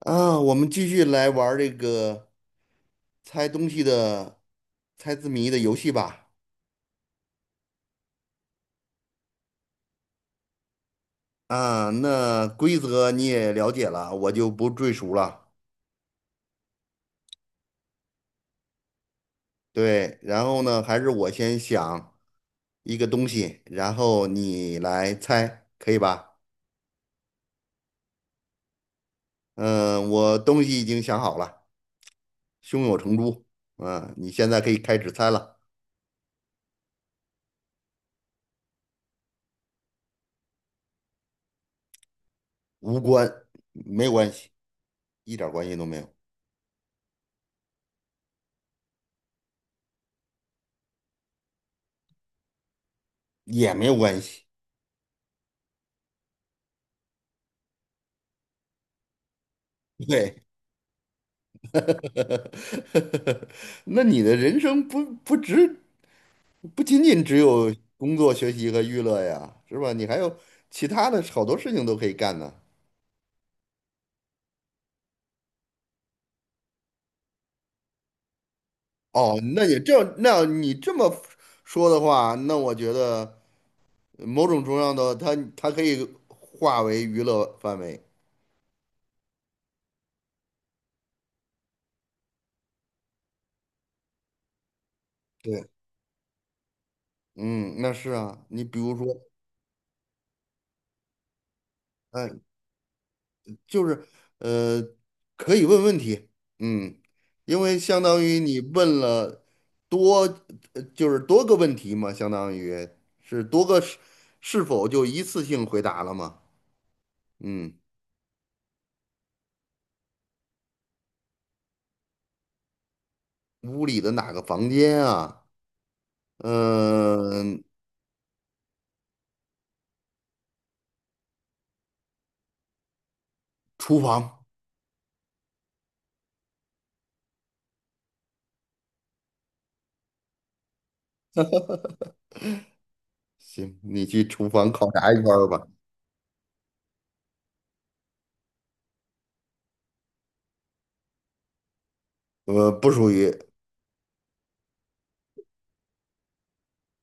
啊，我们继续来玩儿这个猜东西的、猜字谜的游戏吧。啊，那规则你也了解了，我就不赘述了。对，然后呢，还是我先想一个东西，然后你来猜，可以吧？嗯，我东西已经想好了，胸有成竹。嗯，你现在可以开始猜了。无关，没关系，一点儿关系都没有，也没有关系。对。呵呵呵，那你的人生不只不仅仅只有工作、学习和娱乐呀，是吧？你还有其他的好多事情都可以干呢。哦，那你这么说的话，那我觉得某种重要的它可以化为娱乐范围。对，嗯，那是啊，你比如说，哎，就是呃，可以问问题，嗯，因为相当于你问了多，就是多个问题嘛，相当于是多个是是否就一次性回答了嘛？嗯，屋里的哪个房间啊？嗯、厨房。行，你去厨房考察一圈儿吧。不属于，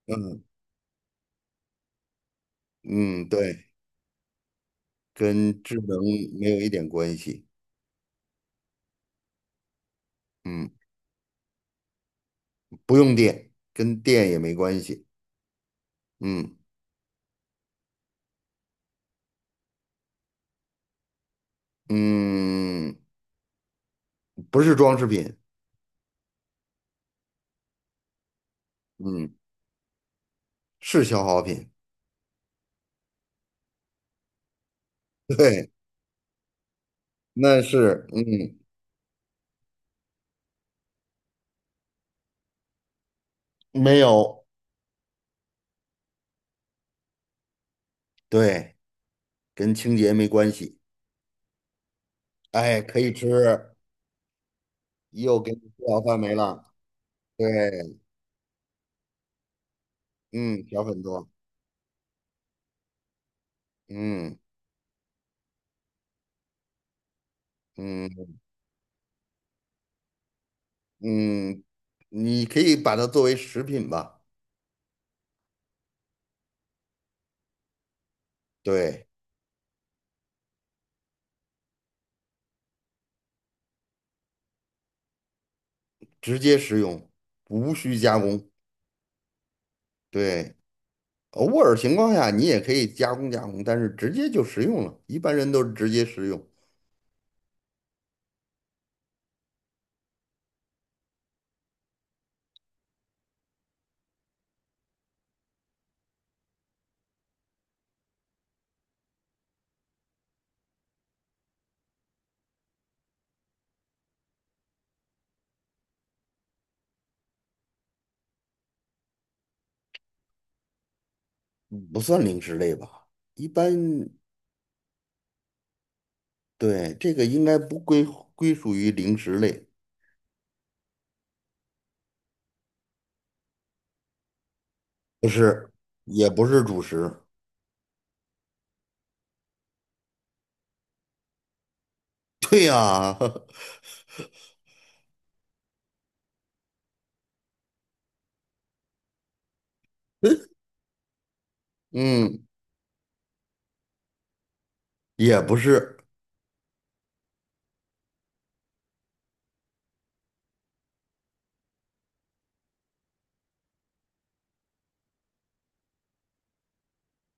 嗯嗯，对，跟智能没有一点关系，嗯，不用电，跟电也没关系，嗯。嗯，不是装饰品，嗯，是消耗品。对，那是，嗯，没有，对，跟清洁没关系，哎，可以吃，又给你吃好饭没了，对，嗯，小很多，嗯嗯嗯，你可以把它作为食品吧，对，直接食用，无需加工，对，偶尔情况下你也可以加工加工，但是直接就食用了，一般人都是直接食用。不算零食类吧？一般对这个应该不归归属于零食类，不是，也不是主食。对呀、嗯，也不是，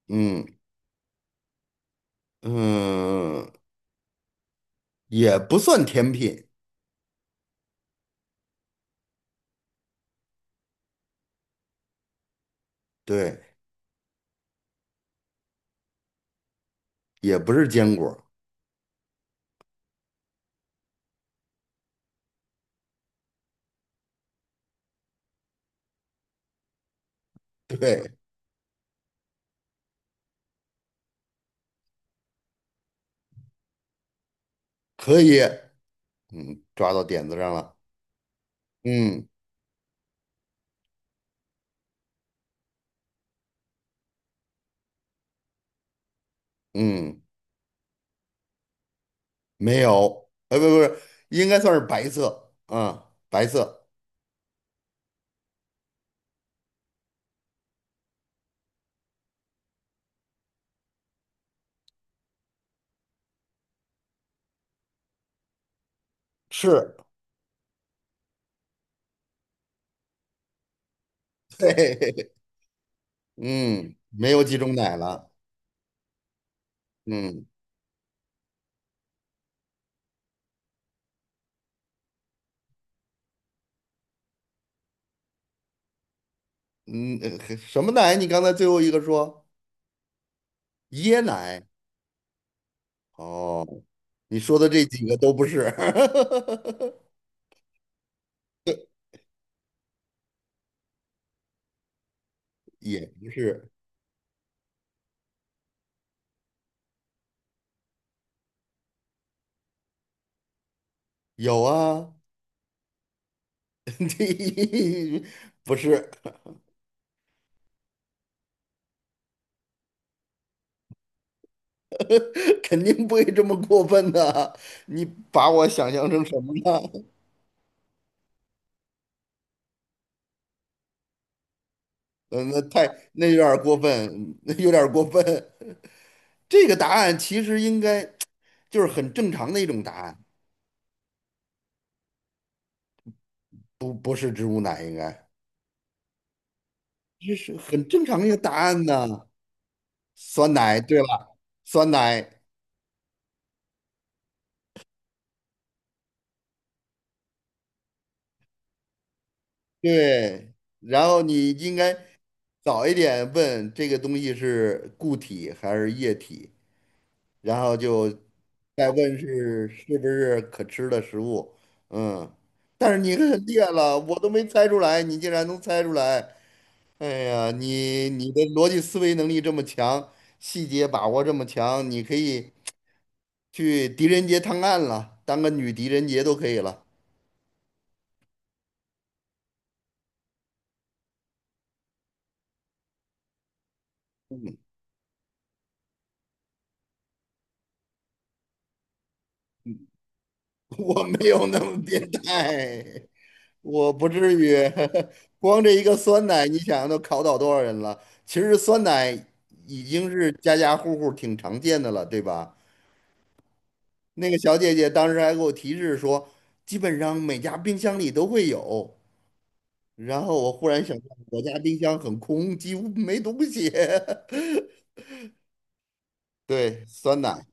嗯嗯，也不算甜品，对，也不是坚果，对，可以，嗯，抓到点子上了，嗯嗯，没有，哎，不是，应该算是白色，啊，白色是。对，嗯，没有几种奶了。嗯嗯，什么奶？你刚才最后一个说椰奶。哦，你说的这几个都不是。也不是，有啊。这不是。肯定不会这么过分的。你把我想象成什么了？嗯，那有点儿过分，那有点儿过分。这个答案其实应该就是很正常的一种答案，不是植物奶，应该这是很正常的一个答案呢。酸奶，对吧？酸奶，对。然后你应该早一点问这个东西是固体还是液体，然后就再问是是不是可吃的食物。嗯，但是你很厉害了，我都没猜出来，你竟然能猜出来。哎呀，你的逻辑思维能力这么强，细节把握这么强，你可以去狄仁杰探案了，当个女狄仁杰都可以了。我没有那么变态，我不至于。光这一个酸奶，你想想都考倒多少人了？其实酸奶已经是家家户户挺常见的了，对吧？那个小姐姐当时还给我提示说，基本上每家冰箱里都会有。然后我忽然想到，我家冰箱很空，几乎没东西。对，酸奶。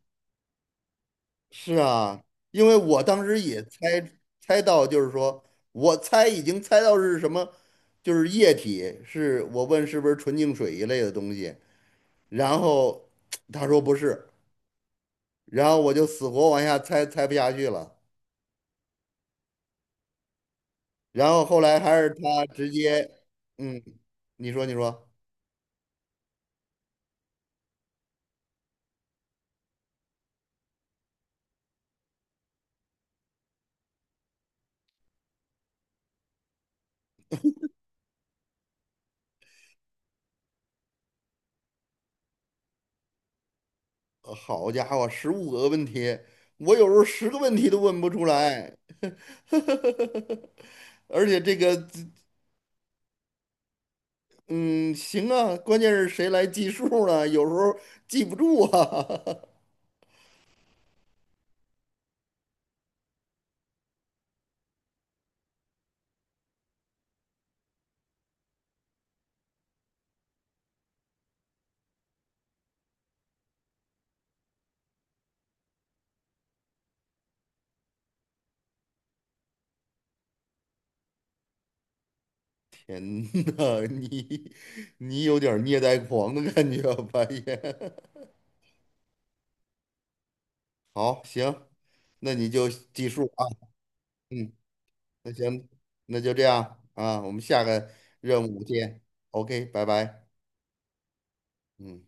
是啊，因为我当时也猜到，就是说我猜已经猜到是什么，就是液体，是我问是不是纯净水一类的东西，然后他说不是，然后我就死活往下猜不下去了，然后后来还是他直接，嗯，你说，呃好家伙，15个问题，我有时候10个问题都问不出来。而且这个。嗯，行啊，关键是谁来计数呢？有时候记不住啊。天呐，你有点儿虐待狂的感觉啊，半夜。好，行，那你就记数啊。嗯，那行，那就这样啊，我们下个任务见。OK,拜拜。嗯。